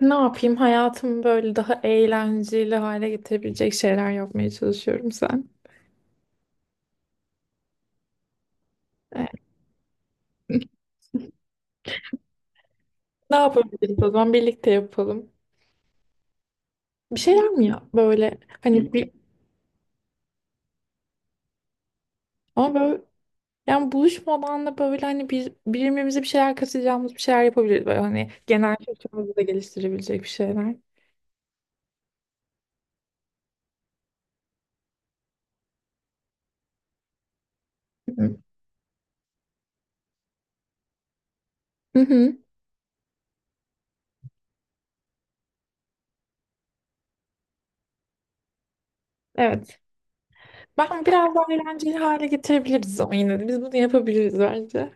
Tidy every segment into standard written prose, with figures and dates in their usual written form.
Ne yapayım? Hayatımı böyle daha eğlenceli hale getirebilecek şeyler yapmaya çalışıyorum sen. Ee, Ne yapabiliriz o zaman? Birlikte yapalım. Bir şeyler mi ya? Böyle hani bir ama böyle Yani buluşmadan da böyle hani bir, birbirimize bir şeyler katacağımız bir şeyler yapabiliriz. Böyle hani genel kültürümüzü de geliştirebilecek bir şeyler. Hı hı. Hı. Evet. Ben biraz daha eğlenceli hale getirebiliriz ama yine de biz bunu yapabiliriz bence.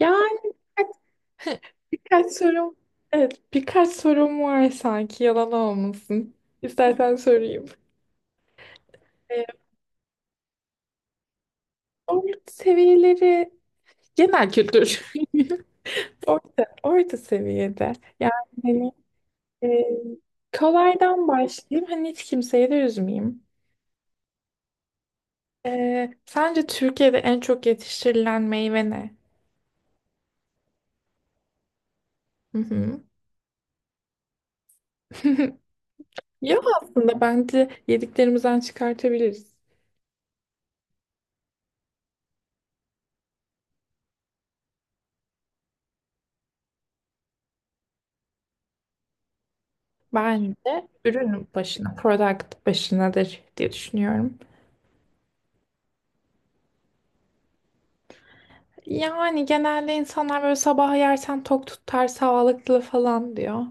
Yani Birkaç sorum, evet, birkaç sorum var sanki yalan olmasın. İstersen sorayım. Ee, Orta seviyeleri, genel kültür. Orta, orta seviyede. Yani hani, e, Kolaydan başlayayım. Hani hiç kimseyi de üzmeyeyim. Sence Türkiye'de en çok yetiştirilen meyve ne? Hı hı. Yok, aslında bence yediklerimizden çıkartabiliriz. Bence ürün başına, product başınadır diye düşünüyorum. Yani genelde insanlar böyle sabah yersen tok tutar sağlıklı falan diyor.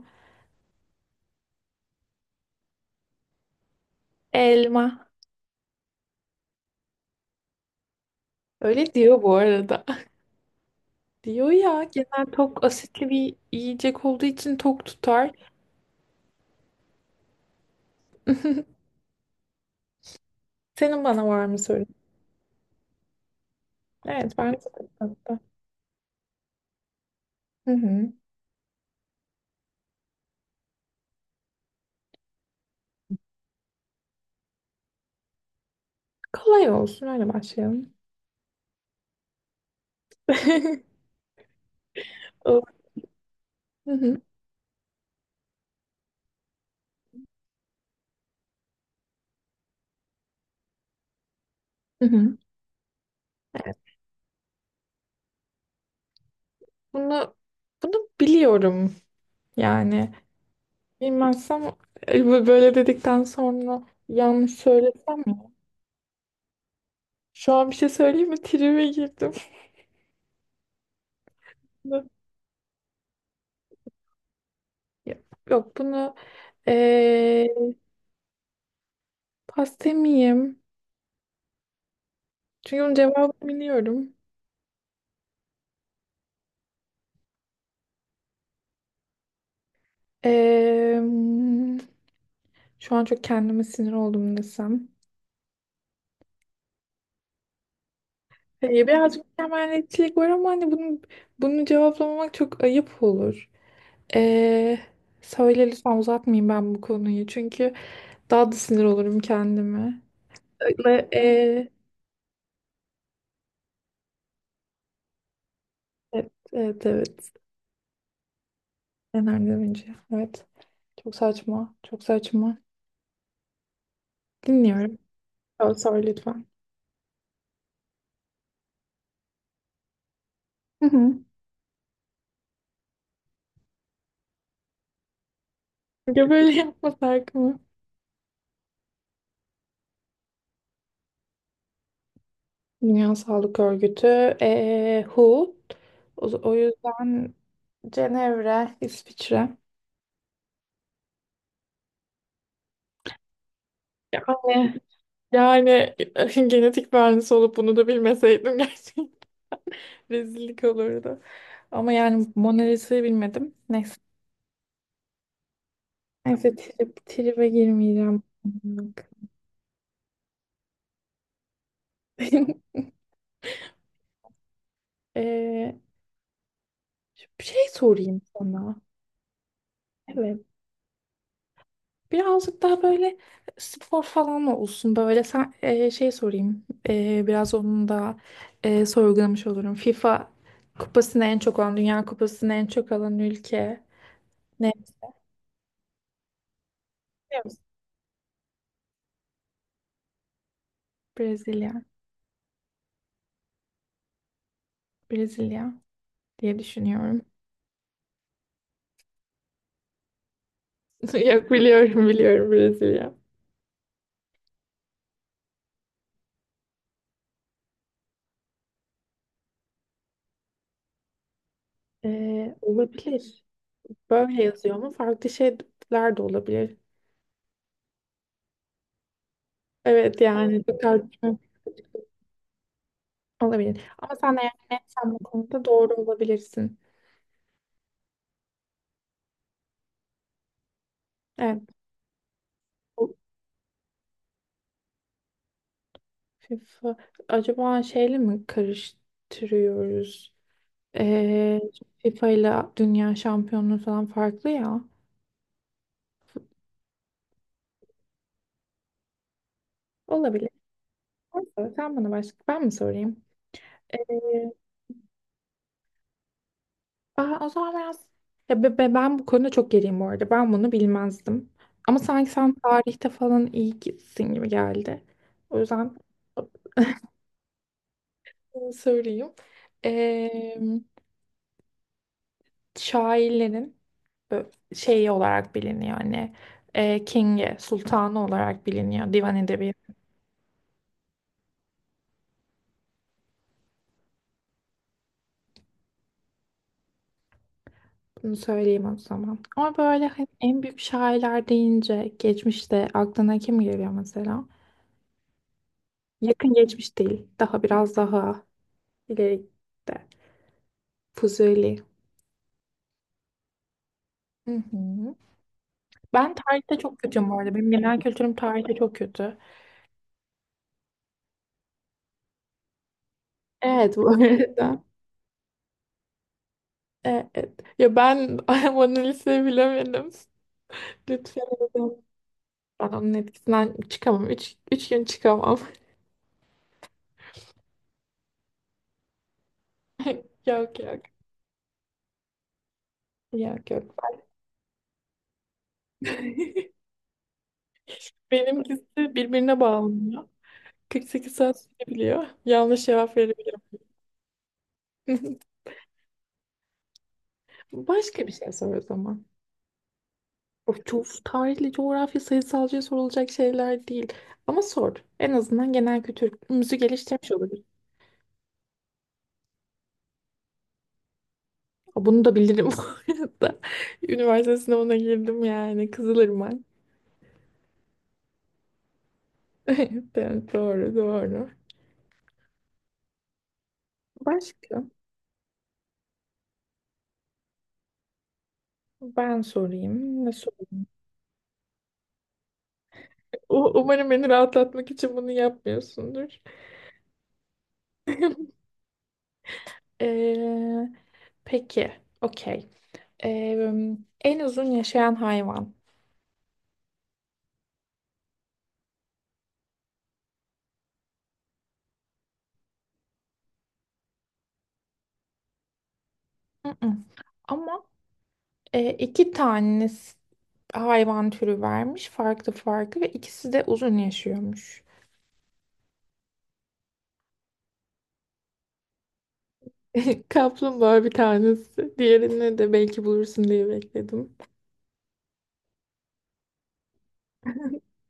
Elma. Öyle diyor bu arada. Diyor ya, genel tok asitli bir yiyecek olduğu için tok tutar. Senin bana var mı sorun? Evet ben de- Hı hı. Kolay olsun, öyle başlayalım. O- Hı hı. Hı hı. Bunu bunu biliyorum yani. Bilmezsem, böyle dedikten sonra yanlış söylesem... Şu an bir şey söyleyeyim mi? Tribe girdim. Ya- Yok bunu, eee pas demeyeyim. Çünkü bunun cevabını biliyorum. Eee, şu an çok kendime sinir oldum desem. Birazcık mükemmeliyetçilik var ama hani bunu cevaplamamak çok ayıp olur. Eee söyle lütfen, uzatmayayım ben bu konuyu. Çünkü daha da sinir olurum kendime. Ve, eee, evet, evet, evet. Enerjiden önce. Evet. Çok saçma. Çok saçma. Dinliyorum. Sor, sor lütfen. Hı hı. Ya böyle yapmasak mı? Dünya Sağlık Örgütü, WHO. O yüzden Cenevre, İsviçre. Yani, yani genetik mühendisi olup bunu da bilmeseydim gerçekten rezillik olurdu. Ama yani Mona Lisa'yı bilmedim. Neyse. Neyse, tribe girmeyeceğim. Yok. Eee, bir şey sorayım sana. Evet. Birazcık daha böyle spor falan olsun, böyle sen biraz onun da sorgulamış olurum. FIFA kupasını en çok alan, Dünya Kupası'nı en çok alan ülke ne, biliyor musun? Brezilya. Brezilya diye düşünüyorum. Yok, biliyorum, biliyorum, Brezilya. E, olabilir. Böyle yazıyor mu? Farklı şeyler de olabilir. Evet, yani bakar, olabilir. Ama sen eğer netsem bu konuda doğru olabilirsin. Evet. FIFA acaba şeyle mi karıştırıyoruz? Ee, FIFA ile dünya şampiyonluğu falan farklı ya. Olabilir. Neyse, sen bana başka, ben mi sorayım? Ee, O zaman biraz, ya ben bu konuda çok geriyim bu arada. Ben bunu bilmezdim. Ama sanki sen tarihte falan iyi gitsin gibi geldi. O yüzden sorayım. Şairlerin e, şeyi olarak biliniyor. Hani King'i, sultanı olarak biliniyor, divan edebiyatı. Bunu söyleyeyim o zaman. Ama böyle hani en büyük şairler deyince geçmişte aklına kim geliyor mesela? Yakın geçmiş değil. Daha biraz daha ileride. Fuzuli. Hı hı. Ben tarihte çok kötüyüm bu arada. Benim genel kültürüm tarihte çok kötü. Evet bu arada. Evet. Ya, ben Mona Lisa'yı bilemedim. Lütfen. Ben onun etkisinden çıkamam. Üç gün çıkamam. Yok yok. Yok yok. Benimkisi birbirine bağlanıyor. 48 saat sürebiliyor. Yanlış cevap verebilirim. Başka bir şey sor o zaman. Of, çok tarihli, coğrafya, sayısalcıya sorulacak şeyler değil. Ama sor. En azından genel kültürümüzü geliştirmiş olabilir. Aa, bunu da bilirim bu arada. Üniversite sınavına girdim yani. Kızılırmak. Evet, doğru doğru. Başka? Ben sorayım. Ne sorayım? Umarım beni rahatlatmak için bunu yapmıyorsundur. Ee, peki. Okey. Ee, en uzun yaşayan hayvan. Mm-mm. Ama e, iki tane s- hayvan türü vermiş. Farklı farklı, ve ikisi de uzun yaşıyormuş. Kaplumbağa bir tanesi. Diğerini de belki bulursun diye bekledim.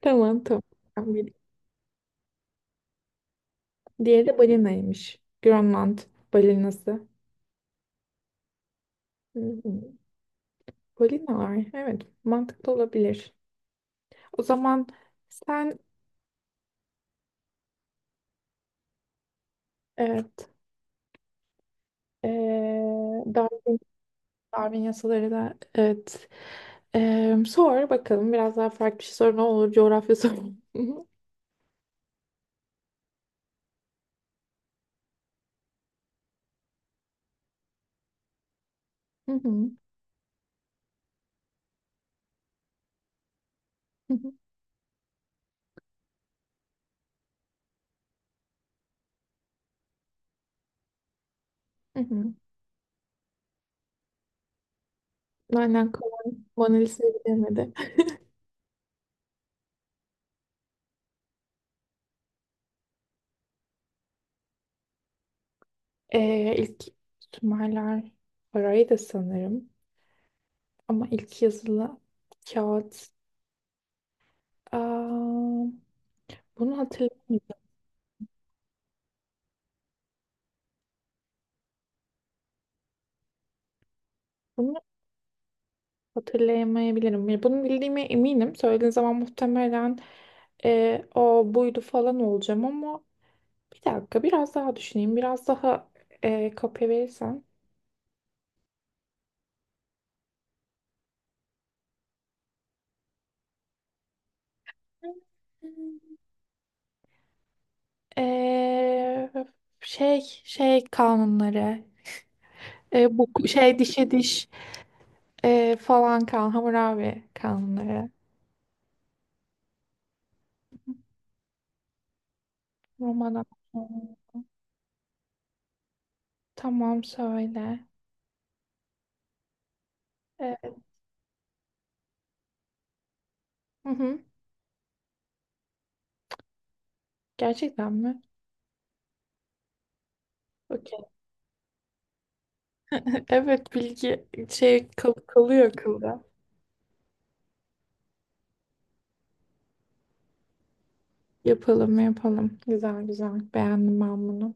Tamam tamam. Ben bil- Diğeri de balinaymış. Grönland balinası. Hı hı. Balinalar. Evet, mantıklı olabilir. O zaman sen, evet, e, Darwin, Darwin yasaları da, evet. E, sor bakalım, biraz daha farklı bir şey sor ne olur, coğrafya sor. Hı hı, hı hı, hı hı. Aynen kolay. Mona Lisa'yı bilemedi. E, ilk Sümerler, parayı da sanırım, ama ilk yazılı kağıt. Aa, bunu hatırlamıyorum. Hatırlayamayabilirim. Ya, bunu bildiğime eminim. Söylediğin zaman muhtemelen o buydu falan olacağım, ama bir dakika biraz daha düşüneyim. Biraz daha kopya verirsen. E, şey kanunları. Bu şey, dişe diş, e, falan kan Hammurabi kanunları. Roma'dan. Tamam, söyle. E, hı hı. Gerçekten mi? Okey. Evet bilgi şey kalıyor akılda. Yapalım yapalım. Güzel güzel. Beğendim ben bunu.